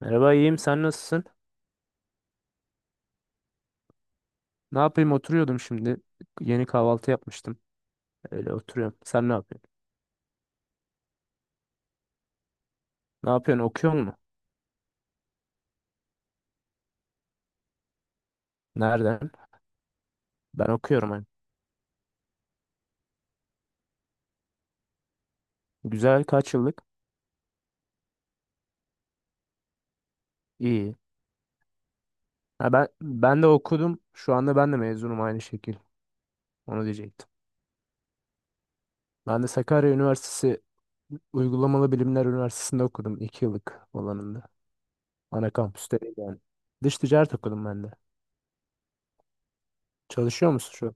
Merhaba, iyiyim, sen nasılsın? Ne yapayım, oturuyordum şimdi. Yeni kahvaltı yapmıştım. Öyle oturuyorum. Sen ne yapıyorsun? Ne yapıyorsun? Okuyor musun? Nereden? Ben okuyorum hani. Güzel, kaç yıllık? İyi. Ha, ben de okudum. Şu anda ben de mezunum, aynı şekil. Onu diyecektim. Ben de Sakarya Üniversitesi Uygulamalı Bilimler Üniversitesi'nde okudum. 2 yıllık olanında. Ana kampüste değil yani. Dış ticaret okudum ben de. Çalışıyor musun şu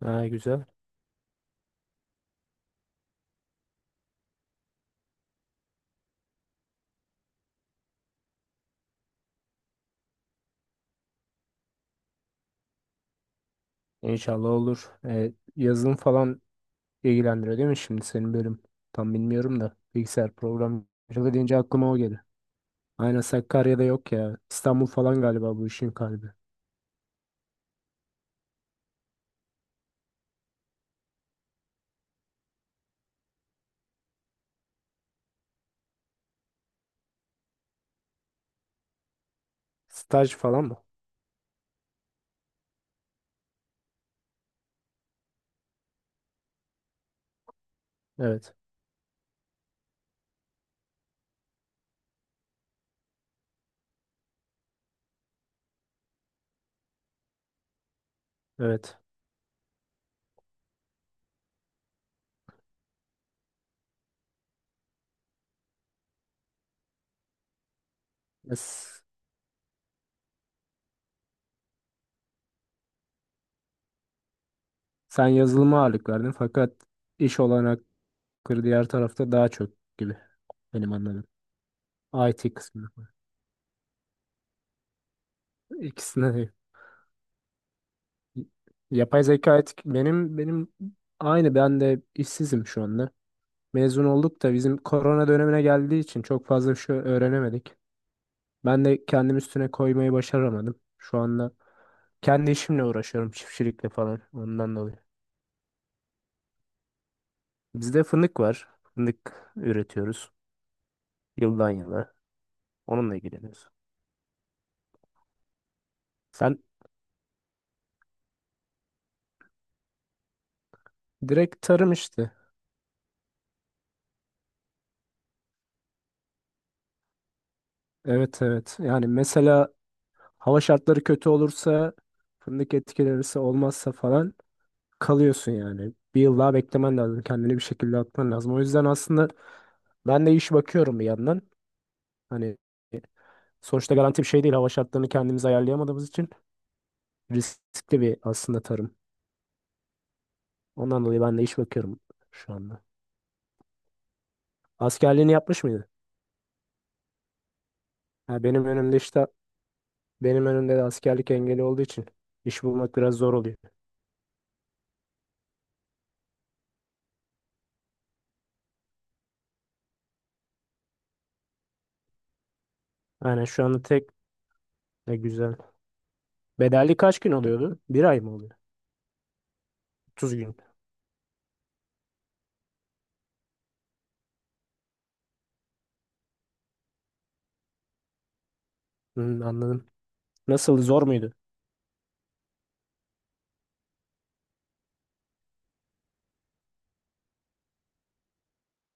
an? Ha, güzel. İnşallah olur. Yazılım falan ilgilendiriyor değil mi şimdi senin bölüm? Tam bilmiyorum da bilgisayar programcılığı deyince aklıma o geldi. Aynen, Sakarya'da yok ya. İstanbul falan galiba bu işin kalbi. Staj falan mı? Evet. Evet. Ya s- Sen yazılıma ağırlık verdin fakat iş olanakları diğer tarafta daha çok gibi, benim anladığım. IT kısmında. İkisinde de. Yapay zeka etik benim aynı, ben de işsizim şu anda. Mezun olduk da bizim korona dönemine geldiği için çok fazla bir şey öğrenemedik. Ben de kendim üstüne koymayı başaramadım. Şu anda kendi işimle uğraşıyorum, çiftçilikle falan, ondan dolayı. Bizde fındık var. Fındık üretiyoruz yıldan yıla. Onunla ilgileniyoruz. Sen direkt tarım işte. Evet, evet. Yani mesela hava şartları kötü olursa, fındık etkilenirse, olmazsa falan, kalıyorsun yani. Bir yıl daha beklemen lazım. Kendini bir şekilde atman lazım. O yüzden aslında ben de iş bakıyorum bir yandan. Hani sonuçta garanti bir şey değil. Hava şartlarını kendimiz ayarlayamadığımız için. Riskli bir aslında tarım. Ondan dolayı ben de iş bakıyorum şu anda. Askerliğini yapmış mıydı? Ha, benim önümde de askerlik engeli olduğu için iş bulmak biraz zor oluyor. Aynen, şu anda tek, ne güzel. Bedelli kaç gün oluyordu? Bir ay mı oluyor? 30 gün. Hmm, anladım. Nasıl zor muydu?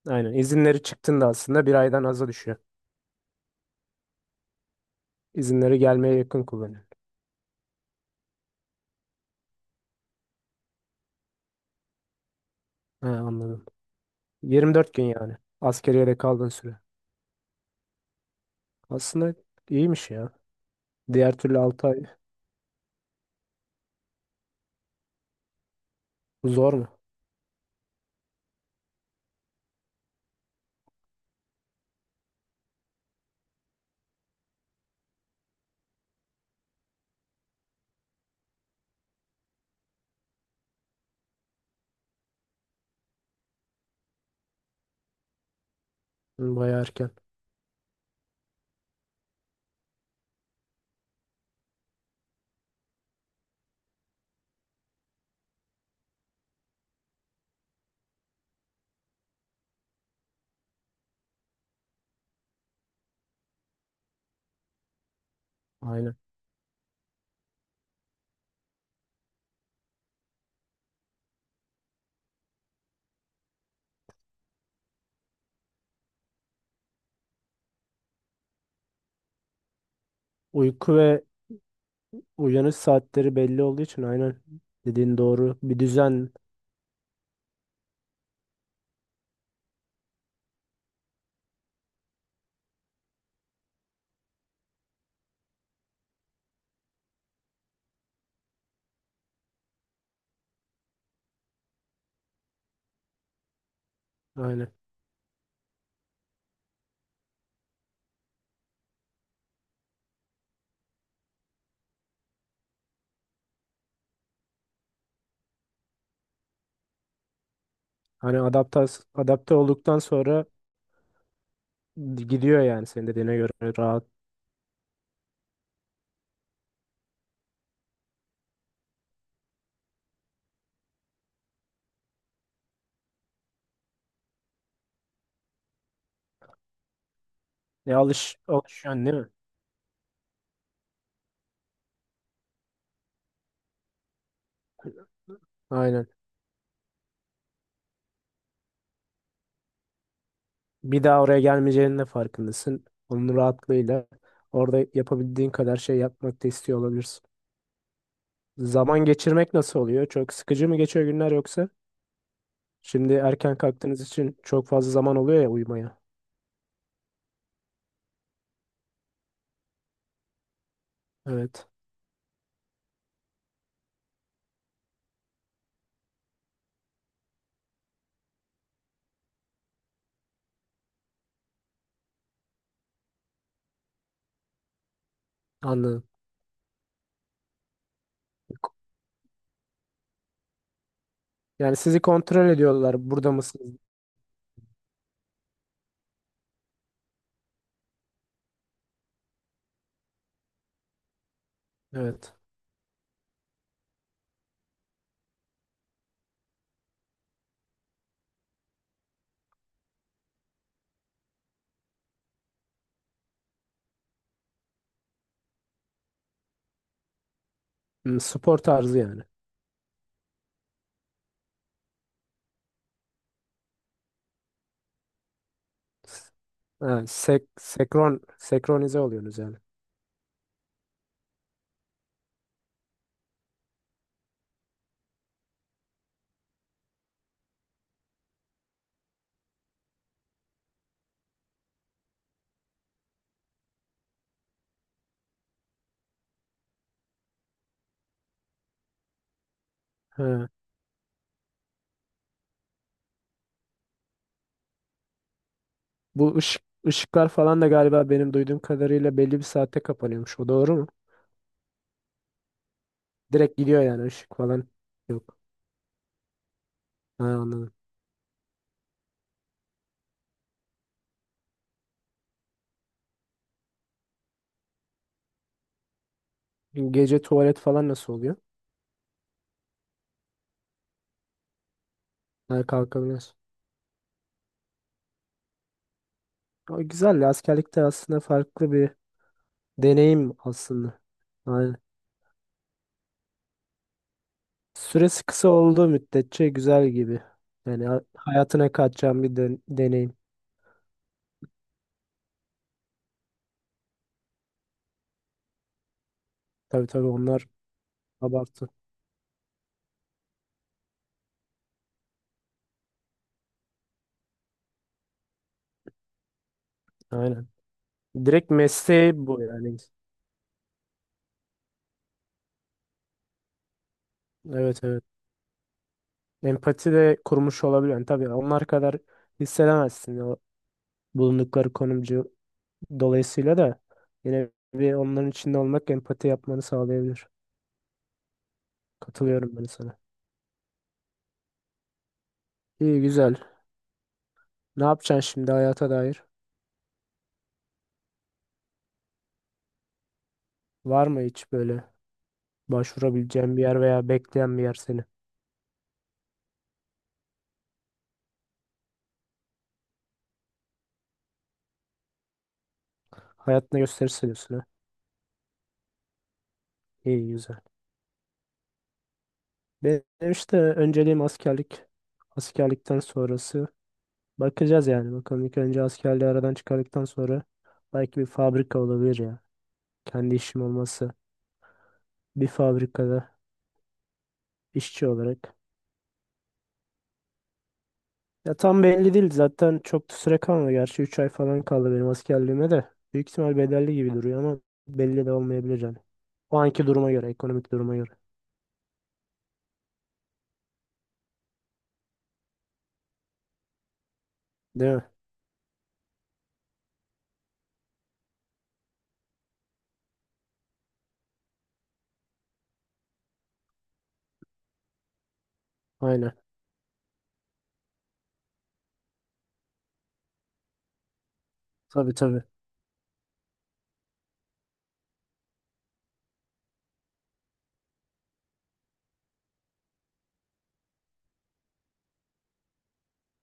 Aynen, izinleri çıktığında aslında bir aydan aza düşüyor. İzinleri gelmeye yakın kullanıyor. Ha, anladım. 24 gün yani. Askeriyede kaldığın süre. Aslında iyiymiş ya. Diğer türlü 6 ay zor mu? Hı, bayağı erken. Aynen. Uyku ve uyanış saatleri belli olduğu için aynen dediğin doğru. Bir düzen, aynen. Hani adapte olduktan sonra gidiyor yani, senin dediğine göre rahat. E, alışıyorsun değil mi? Aynen. Bir daha oraya gelmeyeceğinin de farkındasın. Onun rahatlığıyla orada yapabildiğin kadar şey yapmak da istiyor olabilirsin. Zaman geçirmek nasıl oluyor? Çok sıkıcı mı geçiyor günler yoksa? Şimdi erken kalktığınız için çok fazla zaman oluyor ya uyumaya. Evet. Anladım. Yani sizi kontrol ediyorlar. Burada mısınız? Evet. Hmm, spor tarzı yani. Ha, senkronize oluyorsunuz yani. Ha. Işıklar falan da galiba benim duyduğum kadarıyla belli bir saatte kapanıyormuş. O doğru mu? Direkt gidiyor yani, ışık falan yok. Ha, anladım. Gece tuvalet falan nasıl oluyor? Ha, kalkabiliyorsun. O güzel. Ya, askerlikte aslında farklı bir deneyim aslında. Aynen. Süresi kısa olduğu müddetçe güzel gibi. Yani hayatına katacağım bir deneyim. Tabii, tabii, onlar abartı. Aynen. Direkt mesleği bu yani. Evet, evet. Empati de kurmuş olabilir. Yani tabii onlar kadar hissedemezsin, o bulundukları konumcu dolayısıyla da yine bir onların içinde olmak empati yapmanı sağlayabilir. Katılıyorum ben sana. İyi, güzel. Ne yapacaksın şimdi hayata dair? Var mı hiç böyle başvurabileceğin bir yer veya bekleyen bir yer seni? Hayatına gösterirse diyorsun ha. İyi, güzel. Benim işte önceliğim askerlik. Askerlikten sonrası bakacağız yani. Bakalım, ilk önce askerliği aradan çıkardıktan sonra, belki bir fabrika olabilir ya. Kendi işim olması. Bir fabrikada işçi olarak. Ya tam belli değil, zaten çok da süre kalmadı. Gerçi 3 ay falan kaldı benim askerliğime de. Büyük ihtimal bedelli gibi duruyor ama belli de olmayabilir yani. O anki duruma göre, ekonomik duruma göre. Değil mi? Aynen. Tabii, tabii.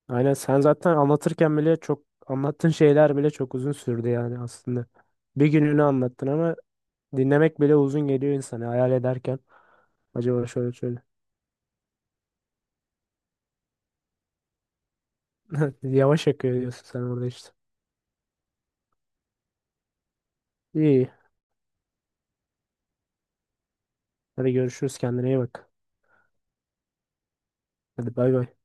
Aynen, sen zaten anlatırken bile, çok anlattığın şeyler bile çok uzun sürdü yani aslında. Bir gününü anlattın ama dinlemek bile uzun geliyor insana hayal ederken. Acaba şöyle şöyle. Yavaş akıyor diyorsun sen orada işte. İyi. Hadi görüşürüz, kendine iyi bak. Hadi bay bay.